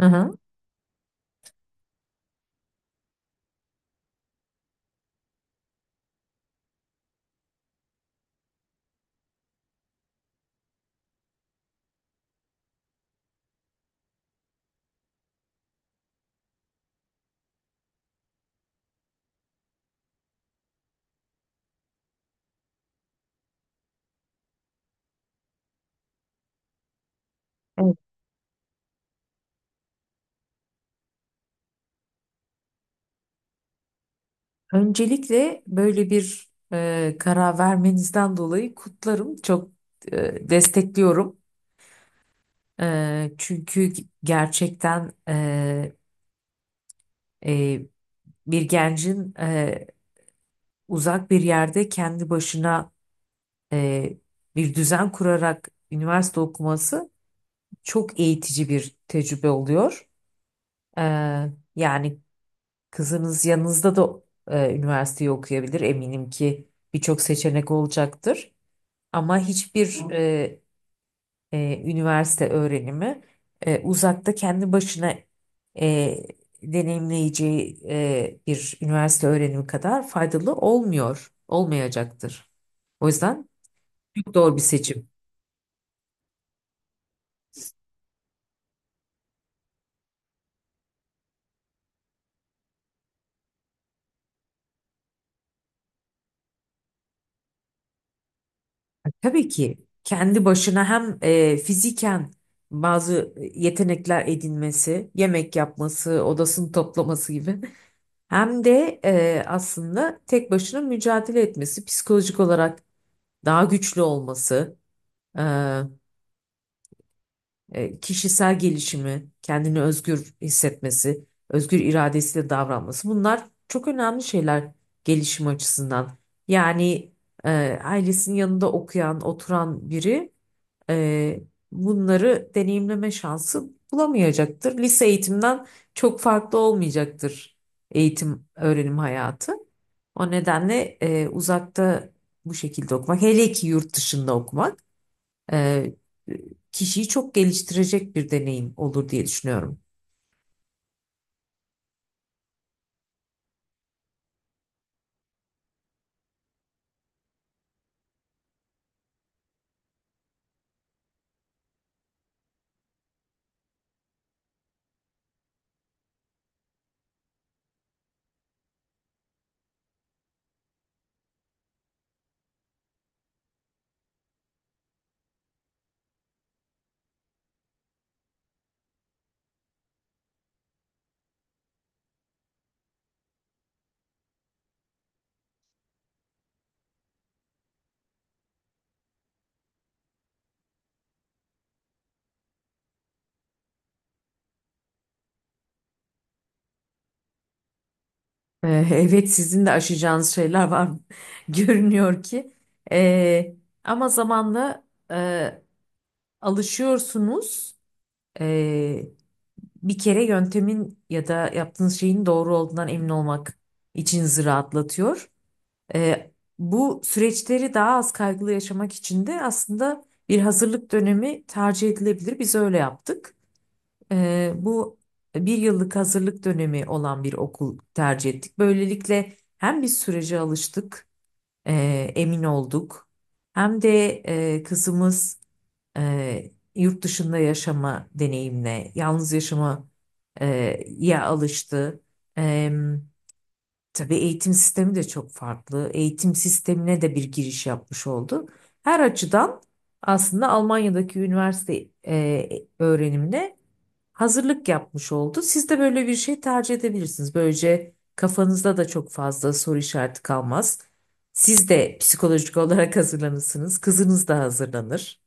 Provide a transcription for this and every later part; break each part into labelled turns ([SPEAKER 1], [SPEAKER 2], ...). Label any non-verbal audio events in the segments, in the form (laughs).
[SPEAKER 1] Hı hı. Evet. Öncelikle böyle bir karar vermenizden dolayı kutlarım. Çok destekliyorum. Çünkü gerçekten e, bir gencin uzak bir yerde kendi başına e, bir düzen kurarak üniversite okuması çok eğitici bir tecrübe oluyor. E, yani kızınız yanınızda da üniversiteyi okuyabilir. Eminim ki birçok seçenek olacaktır. Ama hiçbir üniversite öğrenimi uzakta kendi başına e, deneyimleyeceği bir üniversite öğrenimi kadar faydalı olmuyor, olmayacaktır. O yüzden çok doğru bir seçim. Tabii ki kendi başına hem fiziken bazı yetenekler edinmesi, yemek yapması, odasını toplaması gibi hem de aslında tek başına mücadele etmesi, psikolojik olarak daha güçlü olması, e, kişisel gelişimi, kendini özgür hissetmesi, özgür iradesiyle davranması bunlar çok önemli şeyler gelişim açısından. Yani e, ailesinin yanında okuyan, oturan biri e, bunları deneyimleme şansı bulamayacaktır. Lise eğitimden çok farklı olmayacaktır eğitim, öğrenim hayatı. O nedenle uzakta bu şekilde okumak, hele ki yurt dışında okumak. e, kişiyi çok geliştirecek bir deneyim olur diye düşünüyorum. (laughs) Evet, sizin de aşacağınız şeyler var (laughs) görünüyor ki. E, ama zamanla e, alışıyorsunuz. E, bir kere yöntemin ya da yaptığınız şeyin doğru olduğundan emin olmak içinizi rahatlatıyor. Ee, bu süreçleri daha az kaygılı yaşamak için de aslında bir hazırlık dönemi tercih edilebilir. Biz öyle yaptık. Bu bir yıllık hazırlık dönemi olan bir okul tercih ettik. Böylelikle hem biz sürece alıştık, e, emin olduk. Hem de kızımız yurt dışında yaşama deneyimine, yalnız yaşama ya alıştı. Tabii eğitim sistemi de çok farklı. Eğitim sistemine de bir giriş yapmış oldu. Her açıdan aslında Almanya'daki üniversite öğrenimine hazırlık yapmış oldu. Siz de böyle bir şey tercih edebilirsiniz. Böylece kafanızda da çok fazla soru işareti kalmaz. Siz de psikolojik olarak (laughs) hazırlanırsınız. Kızınız da hazırlanır.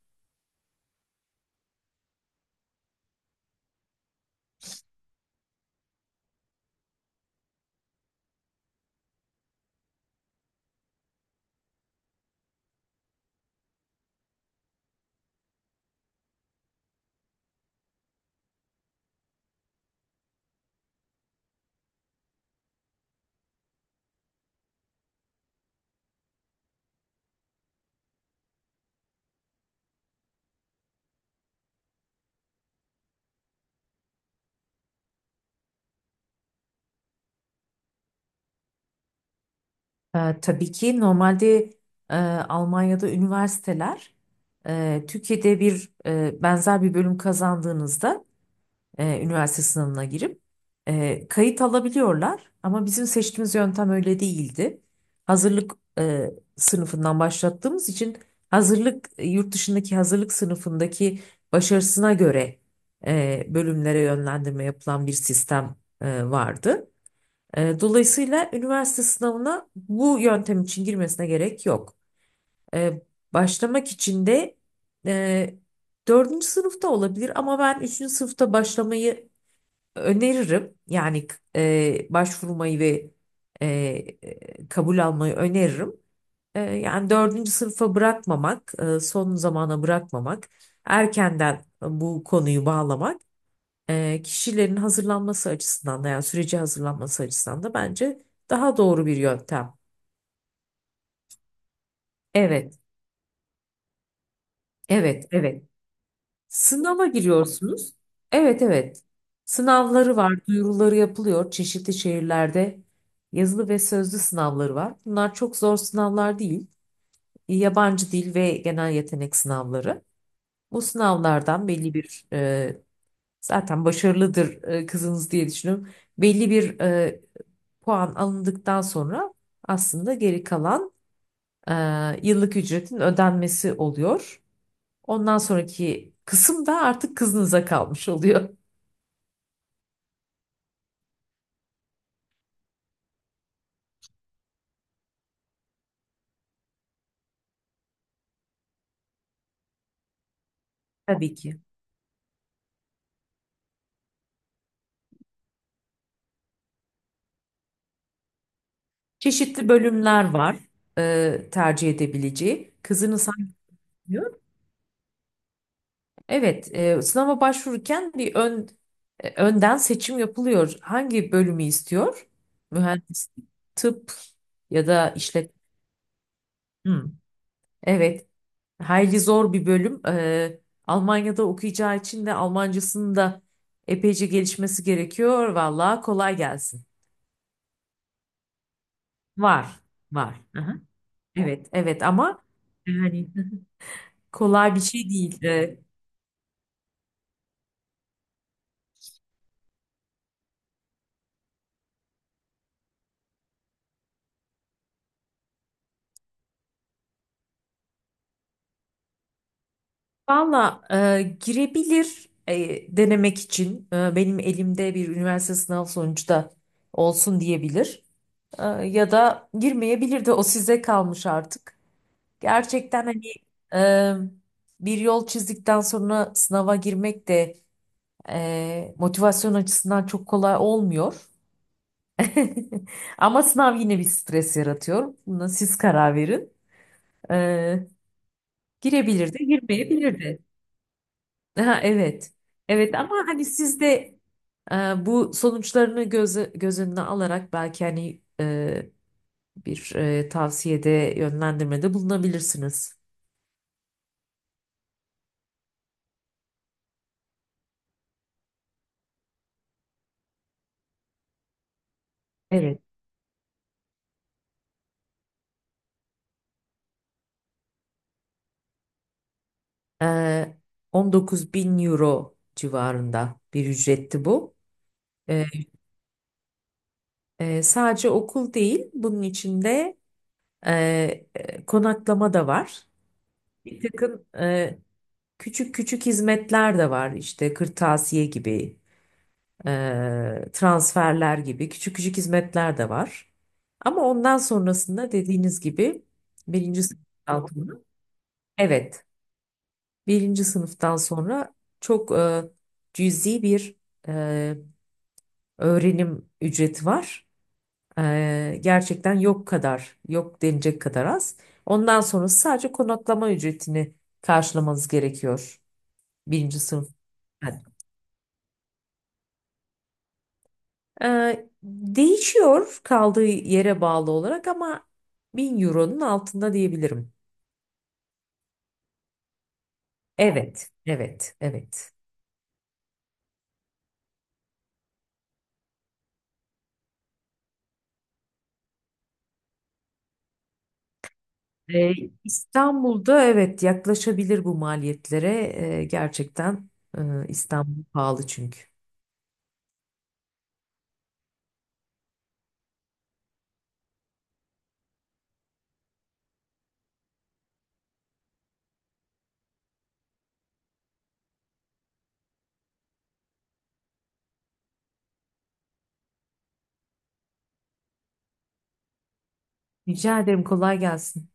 [SPEAKER 1] Tabii ki normalde e, Almanya'da üniversiteler Türkiye'de bir benzer bir bölüm kazandığınızda üniversite sınavına girip kayıt alabiliyorlar. Ama bizim seçtiğimiz yöntem öyle değildi. Hazırlık e, sınıfından başlattığımız için hazırlık yurt dışındaki hazırlık sınıfındaki başarısına göre bölümlere yönlendirme yapılan bir sistem vardı. Dolayısıyla üniversite sınavına bu yöntem için girmesine gerek yok. E, başlamak için de e, dördüncü sınıfta olabilir ama ben üçüncü sınıfta başlamayı öneririm. Yani başvurmayı ve e, kabul almayı öneririm. Yani dördüncü sınıfa bırakmamak, son zamana bırakmamak, erkenden bu konuyu bağlamak kişilerin hazırlanması açısından da yani süreci hazırlanması açısından da bence daha doğru bir yöntem. Evet, evet, evet. Sınava giriyorsunuz. Evet, evet. Sınavları var, duyuruları yapılıyor. Çeşitli şehirlerde yazılı ve sözlü sınavları var. Bunlar çok zor sınavlar değil. Yabancı dil ve genel yetenek sınavları. Bu sınavlardan belli bir zaten başarılıdır kızınız diye düşünüyorum. Belli bir puan alındıktan sonra aslında geri kalan e, yıllık ücretin ödenmesi oluyor. Ondan sonraki kısım da artık kızınıza kalmış oluyor. Tabii ki. Çeşitli bölümler var tercih edebileceği. Kızınız hangi diyor? Evet, sınava başvururken bir ön önden seçim yapılıyor. Hangi bölümü istiyor? Mühendislik, tıp ya da işletme. Hmm, evet, hayli zor bir bölüm. Almanya'da okuyacağı için de Almancasının da epeyce gelişmesi gerekiyor. Vallahi kolay gelsin. Var, var. Aha. Evet, evet ama yani kolay bir şey değil. Valla, girebilir, denemek için benim elimde bir üniversite sınav sonucu da olsun diyebilir. Ya da girmeyebilir, de o size kalmış artık. Gerçekten hani e, bir yol çizdikten sonra sınava girmek de motivasyon açısından çok kolay olmuyor. (laughs) Ama sınav yine bir stres yaratıyor. Buna siz karar verin. E, girebilir de girmeyebilir. Ha, evet. Evet ama hani siz de e, bu sonuçlarını göz önüne alarak belki hani bir tavsiyede yönlendirmede bulunabilirsiniz. Evet. E, 19 bin euro civarında bir ücretti bu. E, sadece okul değil, bunun içinde e, konaklama da var. Bir takım küçük küçük hizmetler de var işte kırtasiye gibi, transferler gibi küçük küçük hizmetler de var. Ama ondan sonrasında, dediğiniz gibi, birinci sınıf sonra, evet, birinci sınıftan sonra çok cüzi bir e, öğrenim ücreti var. Gerçekten yok kadar, yok denecek kadar az. Ondan sonra sadece konaklama ücretini karşılamanız gerekiyor birinci sınıf. Değişiyor kaldığı yere bağlı olarak ama 1000 euronun altında diyebilirim. Evet, evet, evet. Ee, İstanbul'da evet yaklaşabilir bu maliyetlere. Gerçekten e, İstanbul pahalı çünkü. Rica ederim, kolay gelsin.